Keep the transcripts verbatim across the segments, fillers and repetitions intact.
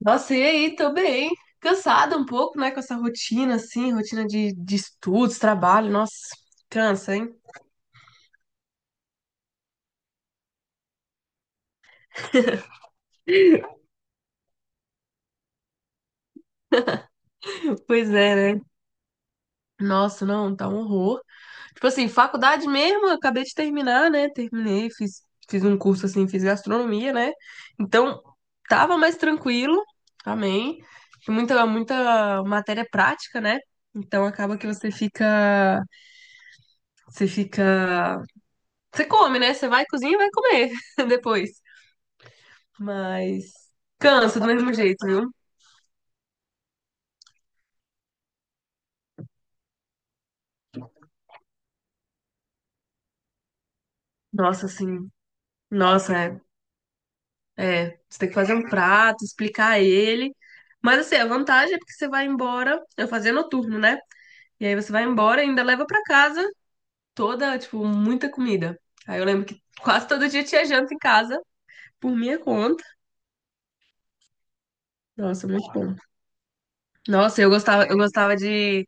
Nossa, e aí, tô bem. Cansada um pouco, né, com essa rotina, assim, rotina de, de estudos, trabalho, nossa, cansa, hein? Pois é, né? Nossa, não, tá um horror. Tipo assim, faculdade mesmo, eu acabei de terminar, né? Terminei, fiz, fiz um curso, assim, fiz gastronomia, né? Então, tava mais tranquilo, amém. E Muita, muita matéria prática, né? Então, acaba que você fica, você fica, você come, né? Você vai cozinhar e vai comer depois. Mas cansa do mesmo jeito, viu? Nossa, assim, nossa, é, é. Você tem que fazer um prato, explicar ele. Mas assim, a vantagem é porque você vai embora, eu fazia noturno, né? E aí você vai embora e ainda leva pra casa toda, tipo, muita comida. Aí eu lembro que quase todo dia tinha janta em casa, por minha conta. Nossa, muito bom. Nossa, eu gostava, eu gostava de,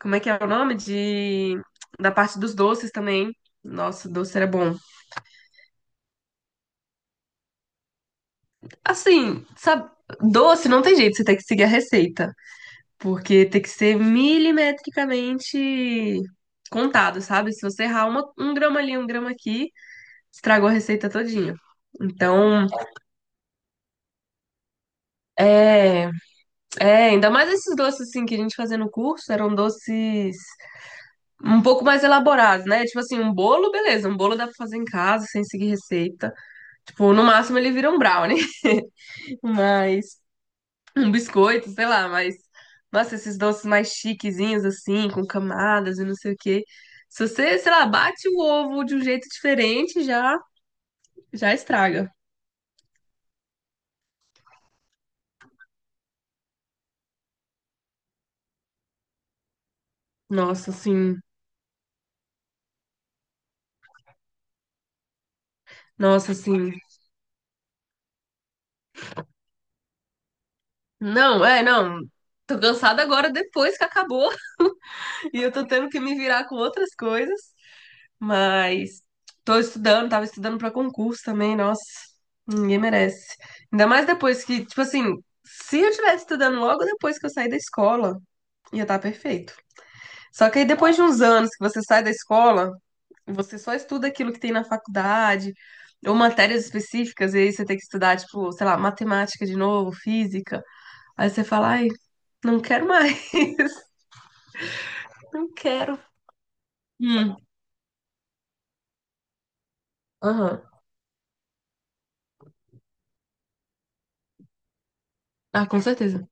como é que é o nome? De Da parte dos doces também. Nossa, doce era bom. Assim, sabe, doce não tem jeito, você tem que seguir a receita, porque tem que ser milimetricamente contado, sabe? Se você errar uma- um grama ali, um grama aqui, estragou a receita todinha. Então, é, é, ainda mais esses doces assim que a gente fazia no curso, eram doces um pouco mais elaborados, né? Tipo assim, um bolo, beleza, um bolo dá pra fazer em casa sem seguir receita. Tipo, no máximo ele vira um brownie, mas um biscoito, sei lá, mas. Nossa, esses doces mais chiquezinhos, assim, com camadas e não sei o quê. Se você, sei lá, bate o ovo de um jeito diferente, já, já estraga. Nossa, assim. Nossa, assim. Não, é, não. Tô cansada agora depois que acabou. E eu tô tendo que me virar com outras coisas. Mas tô estudando, tava estudando pra concurso também, nossa. Ninguém merece. Ainda mais depois que, tipo assim, se eu tivesse estudando logo depois que eu saí da escola, ia estar perfeito. Só que aí depois de uns anos que você sai da escola, você só estuda aquilo que tem na faculdade, ou matérias específicas, e aí você tem que estudar, tipo, sei lá, matemática de novo, física. Aí você fala, ai, não quero mais, não quero. Hum, aham. Ah, com certeza.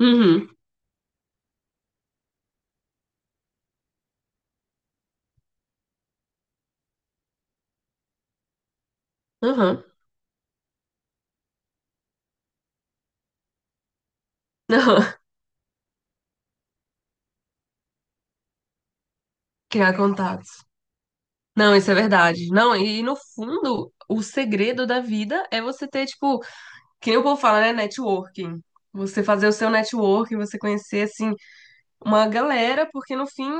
Uhum, aham, aham. Criar contatos. Não, isso é verdade. Não, e no fundo, o segredo da vida é você ter, tipo, que nem o povo fala, né? Networking. Você fazer o seu networking, você conhecer, assim, uma galera, porque no fim,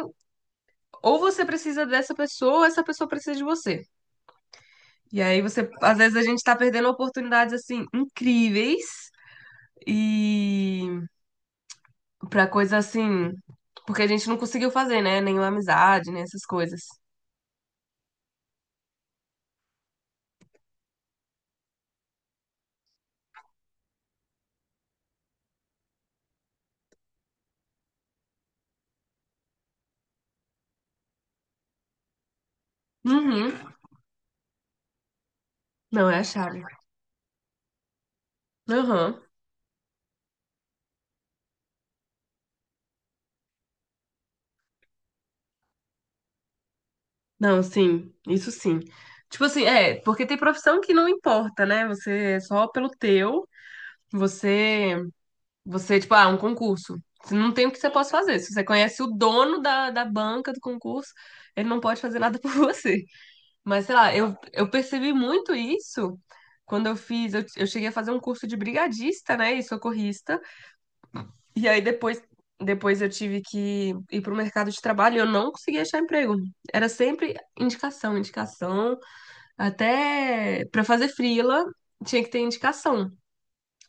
ou você precisa dessa pessoa, ou essa pessoa precisa de você. E aí você, às vezes a gente tá perdendo oportunidades assim incríveis e pra coisa assim, porque a gente não conseguiu fazer, né? Nenhuma amizade, né? Essas coisas. Uhum. Não, é a chave. Aham. Não, sim, isso sim. Tipo assim, é, porque tem profissão que não importa, né? Você é só pelo teu, você Você, tipo, ah, um concurso. Você não tem o que você possa fazer. Se você conhece o dono da, da banca do concurso, ele não pode fazer nada por você. Mas, sei lá, eu, eu percebi muito isso quando eu fiz. Eu, eu cheguei a fazer um curso de brigadista, né, e socorrista. E aí depois, depois eu tive que ir para o mercado de trabalho e eu não conseguia achar emprego. Era sempre indicação, indicação. Até para fazer freela, tinha que ter indicação.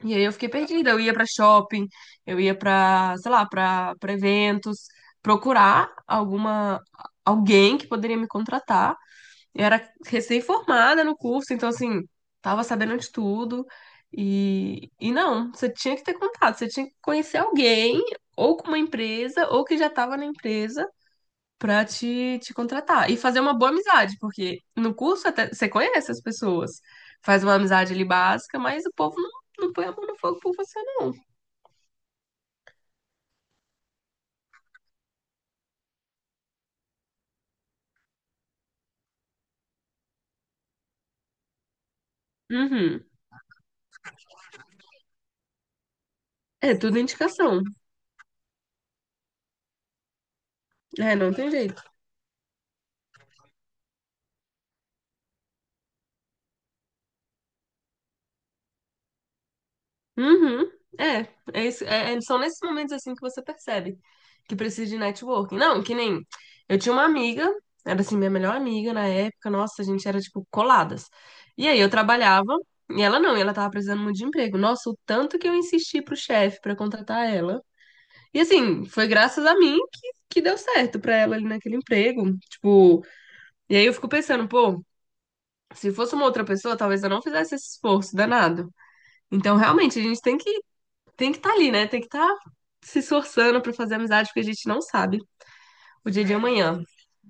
E aí eu fiquei perdida. Eu ia pra shopping, eu ia pra, sei lá, pra para eventos, procurar alguma alguém que poderia me contratar. Eu era recém-formada no curso, então assim, tava sabendo de tudo. E, e não, você tinha que ter contato, você tinha que conhecer alguém, ou com uma empresa, ou que já estava na empresa, pra te, te contratar. E fazer uma boa amizade, porque no curso até você conhece as pessoas. Faz uma amizade ali básica, mas o povo não, não põe a mão no fogo por você, não. Uhum. É tudo indicação. É, não tem jeito. Uhum. É, é isso, é- é- são nesses momentos assim que você percebe que precisa de networking. Não, que nem eu tinha uma amiga, era assim minha melhor amiga na época, nossa, a gente era tipo coladas. E aí eu trabalhava e ela não, e ela tava precisando muito de emprego. Nossa, o tanto que eu insisti pro chefe pra contratar ela. E assim, foi graças a mim que, que deu certo pra ela ali naquele emprego. Tipo, e aí eu fico pensando, pô, se fosse uma outra pessoa, talvez eu não fizesse esse esforço danado. Então, realmente, a gente tem que tem que estar ali, né? Tem que estar se esforçando pra fazer amizade, porque a gente não sabe o dia de amanhã.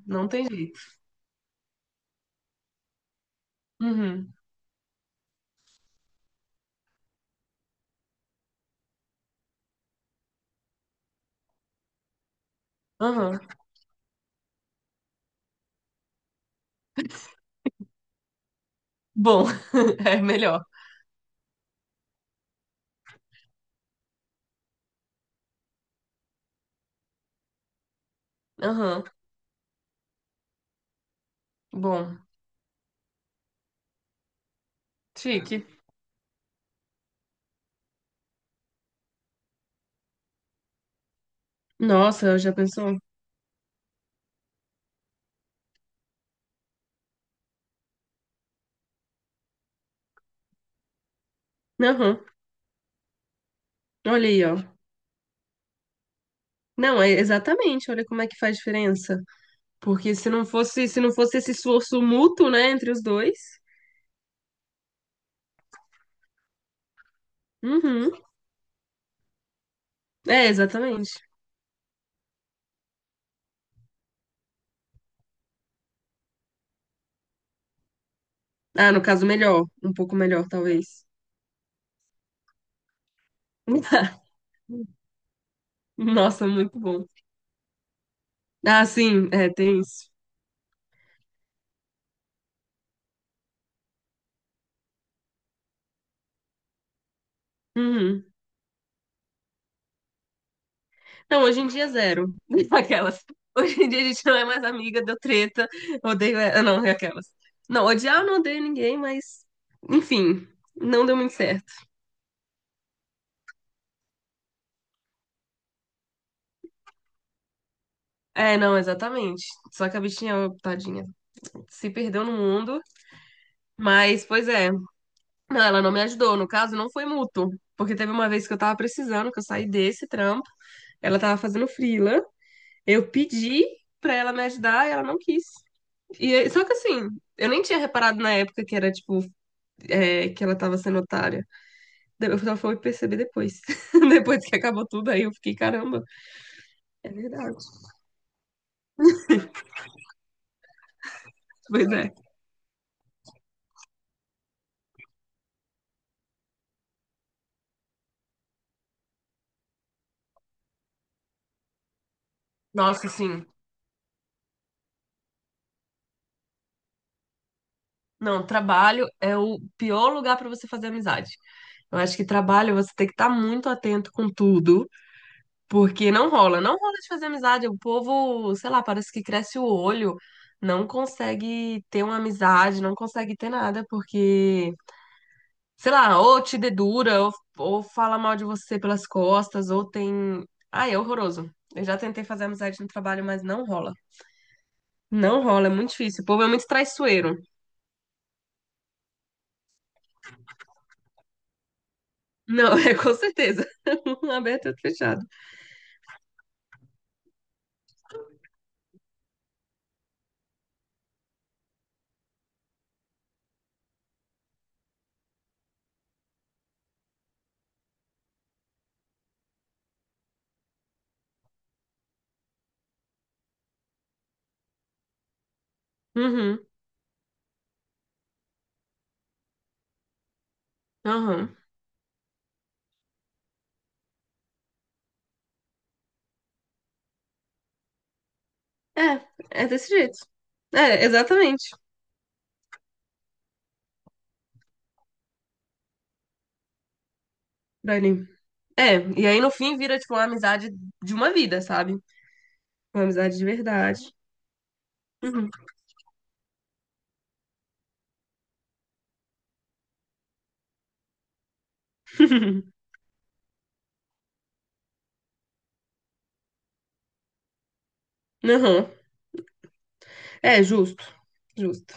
Não tem jeito. Uhum. Aham. Bom, é melhor. Aham. Bom, chique. Nossa, já pensou? Aham. Olha aí, ó. Não, é exatamente. Olha como é que faz diferença. Porque se não fosse, se não fosse esse esforço mútuo, né, entre os dois. Uhum. É, exatamente. Ah, no caso, melhor. Um pouco melhor, talvez. Nossa, muito bom. Ah, sim, é, tem isso. Uhum. Não, hoje em dia é zero. Aquelas. Hoje em dia a gente não é mais amiga, deu treta, odeio ela. Não, é aquelas. Não, odiar eu não odeio ninguém, mas. Enfim, não deu muito certo. É, não, exatamente. Só que a bichinha, ó, tadinha, se perdeu no mundo. Mas, pois é. Não, ela não me ajudou. No caso, não foi mútuo. Porque teve uma vez que eu tava precisando, que eu saí desse trampo. Ela tava fazendo freela. Eu pedi pra ela me ajudar e ela não quis. E, aí- só que assim, eu nem tinha reparado na época que era, tipo, é, que ela tava sendo otária. Daí eu só fui perceber depois. Depois que acabou tudo, aí eu fiquei, caramba, é verdade. Pois é. Nossa, sim. Não, trabalho é o pior lugar pra você fazer amizade. Eu acho que trabalho você tem que estar muito atento com tudo, porque não rola, não rola de fazer amizade. O povo, sei lá, parece que cresce o olho, não consegue ter uma amizade, não consegue ter nada, porque sei lá, ou te dedura, ou, ou fala mal de você pelas costas, ou tem. Ah, é horroroso. Eu já tentei fazer amizade no trabalho, mas não rola. Não rola, é muito difícil. O povo é muito traiçoeiro. Não, é com certeza. Um aberto e outro fechado. Uhum, aham. É, é desse jeito. É, exatamente, Dani. É, e aí no fim vira, tipo, uma amizade de uma vida, sabe? Uma amizade de verdade. Uhum. Uhum. É, justo. Justo.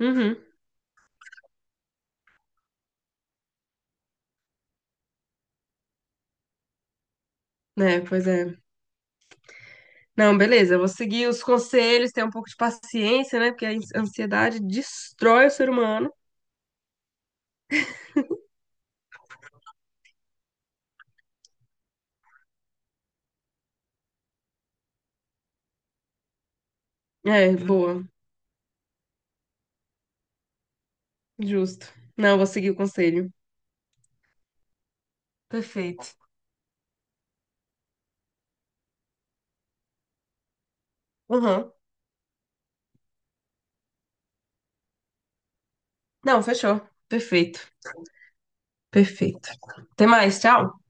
Uhum. É, pois é. Não, beleza, eu vou seguir os conselhos, ter um pouco de paciência, né? Porque a ans- ansiedade destrói o ser humano. É, boa, justo. Não, eu vou seguir o conselho. Perfeito. Uhum. Não, fechou. Perfeito, perfeito. Até mais, tchau.